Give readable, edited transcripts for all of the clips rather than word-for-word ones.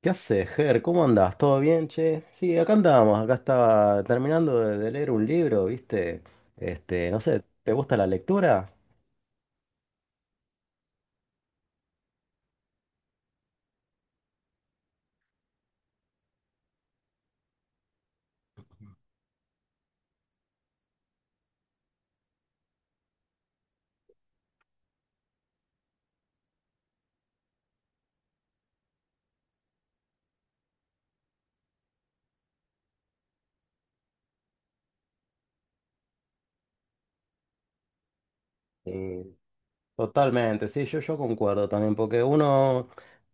¿Qué haces, Ger? ¿Cómo andás? ¿Todo bien, che? Sí, acá andábamos, acá estaba terminando de leer un libro, ¿viste? Este, no sé, ¿te gusta la lectura? Sí. Totalmente, sí, yo concuerdo también, porque uno,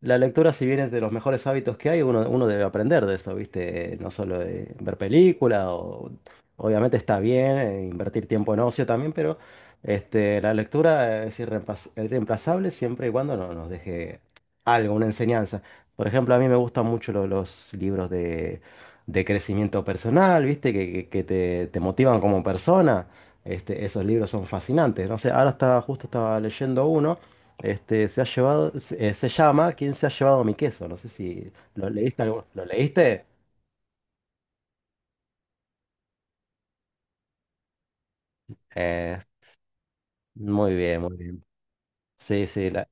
la lectura si bien es de los mejores hábitos que hay, uno debe aprender de eso, ¿viste? No solo de ver película, o, obviamente está bien invertir tiempo en ocio también, pero este, la lectura es irreemplazable siempre y cuando no, nos deje algo, una enseñanza. Por ejemplo, a mí me gustan mucho los libros de crecimiento personal, ¿viste? Que te, te motivan como persona. Este, esos libros son fascinantes. No sé, justo estaba leyendo uno. Este, se llama ¿Quién se ha llevado mi queso? No sé si lo ¿Lo leíste? Eh, muy bien, muy bien. Sí, sí,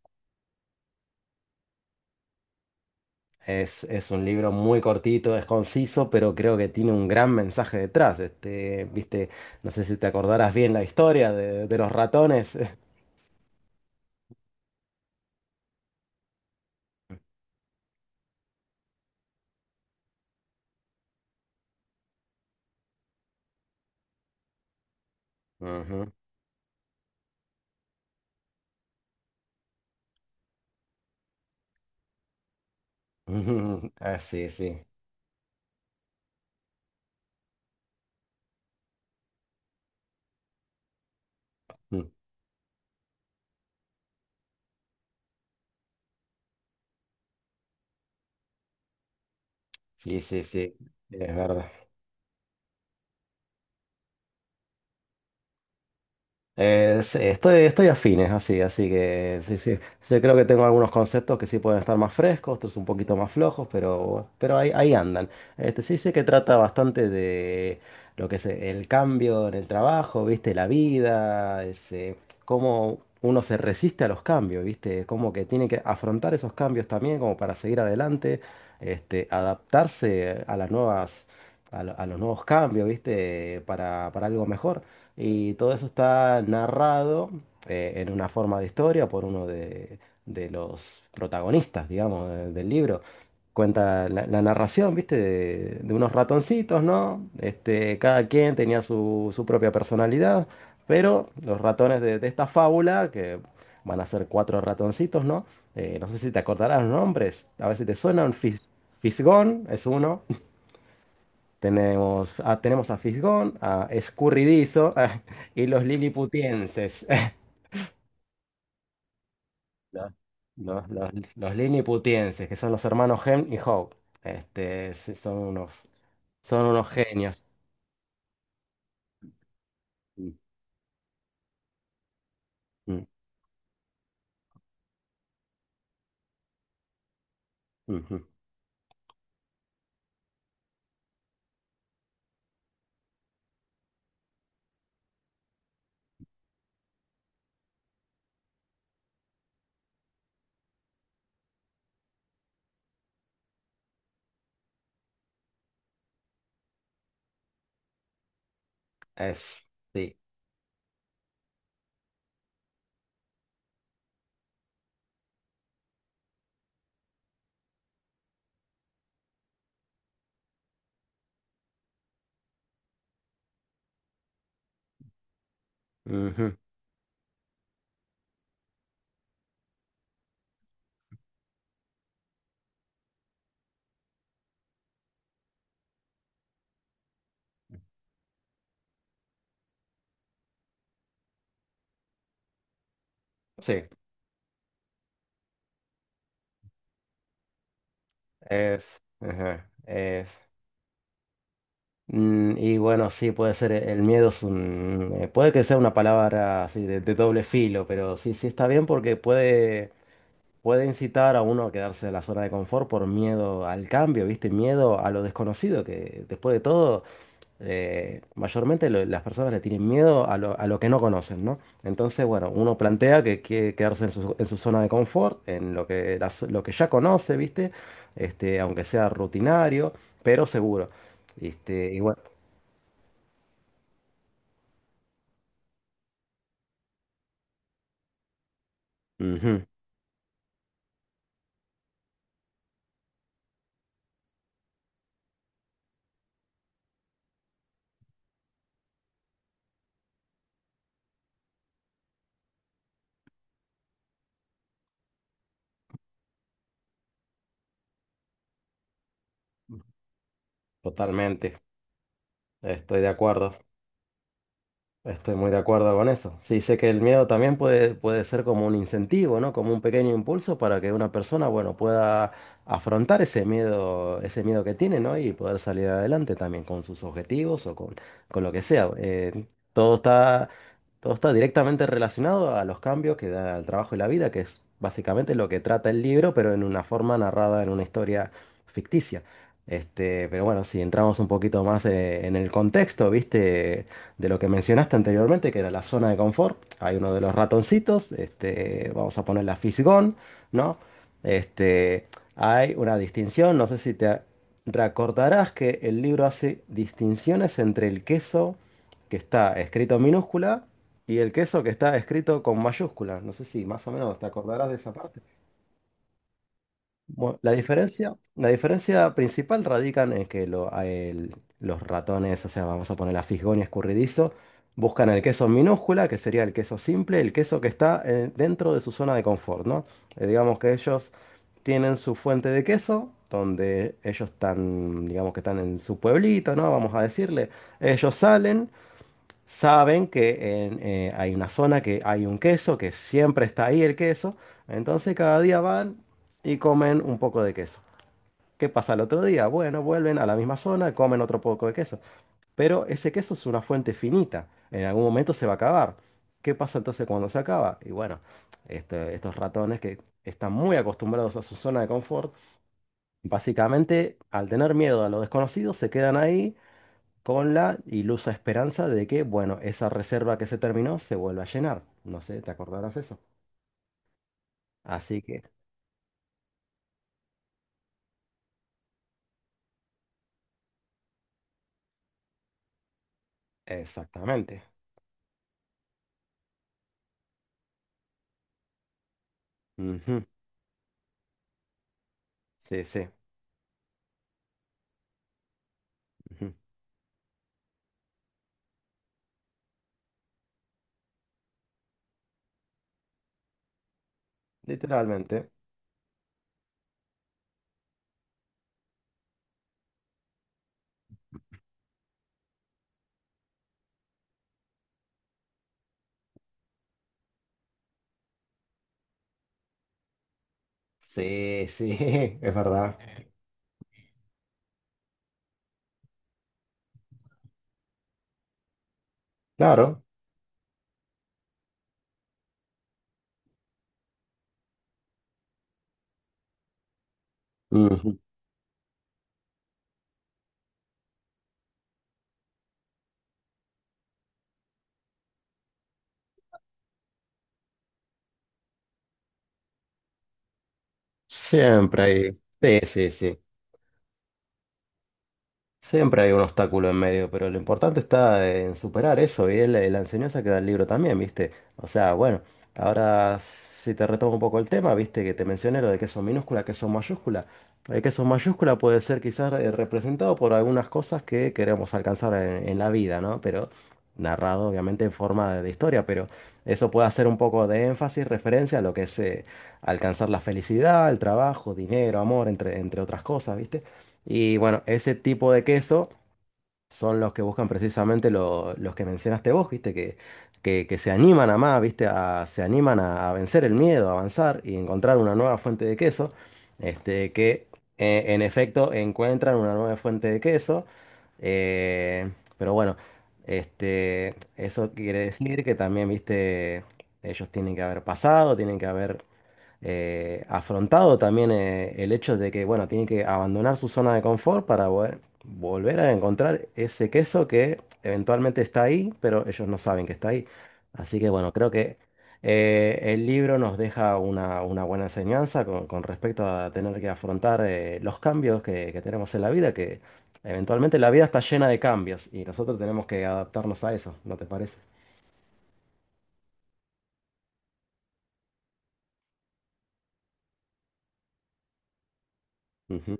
es un libro muy cortito, es conciso, pero creo que tiene un gran mensaje detrás. Este, viste, no sé si te acordarás bien la historia de los ratones. Ujú. Ah, sí, sí. Mm, Sí, sí, sí. Es verdad. Sí, estoy afines, así que sí, sí. Yo creo que tengo algunos conceptos que sí pueden estar más frescos, otros un poquito más flojos, pero ahí andan. Este, sí sé que trata bastante de lo que es el cambio en el trabajo, viste, la vida, cómo uno se resiste a los cambios, viste, como que tiene que afrontar esos cambios también como para seguir adelante, este, adaptarse a las nuevas, a los nuevos cambios, viste, para algo mejor. Y todo eso está narrado en una forma de historia por uno de los protagonistas, digamos, del libro. Cuenta la narración, ¿viste? De unos ratoncitos, ¿no? Este, cada quien tenía su propia personalidad, pero los ratones de esta fábula, que van a ser cuatro ratoncitos, ¿no? No sé si te acordarás los nombres, a ver si te suenan. Fisgón es uno. Tenemos a Fisgón, a Escurridizo y los Lilliputienses. Los, los Lilliputienses, que son los hermanos Hem y Hope. Este, sí, son unos genios. Mm, mm, ujú. Es, sí. Ujú, sí, es, ajá, es. Y bueno, sí, puede ser, el miedo puede que sea una palabra así de doble filo, pero sí, sí está bien porque puede incitar a uno a quedarse en la zona de confort por miedo al cambio, ¿viste? Miedo a lo desconocido, que después de todo, mayormente las personas le tienen miedo a lo que no conocen, ¿no? Entonces, bueno, uno plantea que quiere quedarse en en su zona de confort, en lo que ya conoce, ¿viste? Este, aunque sea rutinario, pero seguro. Este, y bueno, ujú, totalmente, estoy de acuerdo. Estoy muy de acuerdo con eso. Sí, sé que el miedo también puede ser como un incentivo, ¿no? Como un pequeño impulso para que una persona, bueno, pueda afrontar ese miedo que tiene, ¿no? Y poder salir adelante también con sus objetivos con lo que sea. Todo está, todo está directamente relacionado a los cambios que da el trabajo y la vida, que es básicamente lo que trata el libro, pero en una forma narrada en una historia ficticia. Este, pero bueno, si entramos un poquito más en el contexto, ¿viste? De lo que mencionaste anteriormente, que era la zona de confort. Hay uno de los ratoncitos, este, vamos a poner la Fisgón, ¿no? Este, hay una distinción, no sé si te recordarás que el libro hace distinciones entre el queso que está escrito en minúscula y el queso que está escrito con mayúscula. No sé si más o menos te acordarás de esa parte. Bueno, la diferencia principal radica en que los ratones, o sea, vamos a poner la fisgonia escurridizo, buscan el queso en minúscula, que sería el queso simple, el queso que está dentro de su zona de confort, ¿no? Digamos que ellos tienen su fuente de queso, donde ellos están, digamos que están en su pueblito, ¿no? Vamos a decirle, ellos salen. Saben que hay una zona que hay un queso, que siempre está ahí el queso. Entonces cada día van y comen un poco de queso. ¿Qué pasa el otro día? Bueno, vuelven a la misma zona, comen otro poco de queso. Pero ese queso es una fuente finita. En algún momento se va a acabar. ¿Qué pasa entonces cuando se acaba? Y bueno, estos ratones que están muy acostumbrados a su zona de confort, básicamente al tener miedo a lo desconocido, se quedan ahí con la ilusa esperanza de que, bueno, esa reserva que se terminó se vuelva a llenar. No sé, ¿te acordarás eso? Así que, exactamente. Ujú, sí, sí. Ujú, literalmente. Sí, sí, es verdad. Claro. Ujú, siempre hay. Sí, sí, sí. Siempre hay un obstáculo en medio, pero lo importante está en superar eso y es la enseñanza que da el libro también, ¿viste? O sea, bueno, ahora si te retomo un poco el tema, ¿viste? Que te mencioné lo de que son minúscula, que son mayúscula. El que son mayúscula puede ser quizás representado por algunas cosas que queremos alcanzar en la vida, ¿no? Pero narrado obviamente en forma de historia, pero eso puede hacer un poco de énfasis, referencia a lo que es alcanzar la felicidad, el trabajo, dinero, amor, entre otras cosas, ¿viste? Y bueno, ese tipo de queso son los que buscan precisamente los que mencionaste vos, ¿viste? Que se animan a más, ¿viste? Se animan a vencer el miedo, a avanzar y encontrar una nueva fuente de queso. Este, que en efecto encuentran una nueva fuente de queso. eh, pero bueno, eso quiere decir que también, ¿viste? Ellos tienen que haber pasado, tienen que haber afrontado también el hecho de que, bueno, tiene que abandonar su zona de confort para volver a encontrar ese queso que eventualmente está ahí, pero ellos no saben que está ahí. Así que, bueno, creo que el libro nos deja una buena enseñanza con respecto a tener que afrontar los cambios que tenemos en la vida, que eventualmente la vida está llena de cambios y nosotros tenemos que adaptarnos a eso, ¿no te parece? Ujú.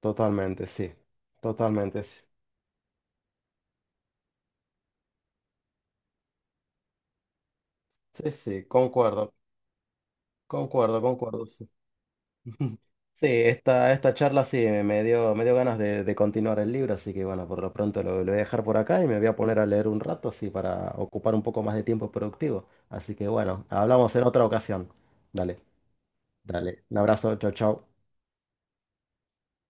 Totalmente, sí. Totalmente, sí. Sí, sí, concuerdo. Concuerdo, concuerdo. Sí, sí, esta charla sí me dio, me dio ganas de continuar el libro, así que bueno, por lo pronto lo voy a dejar por acá y me voy a poner a leer un rato, así para ocupar un poco más de tiempo productivo. Así que bueno, hablamos en otra ocasión. Dale, dale. Un abrazo, chao, chao.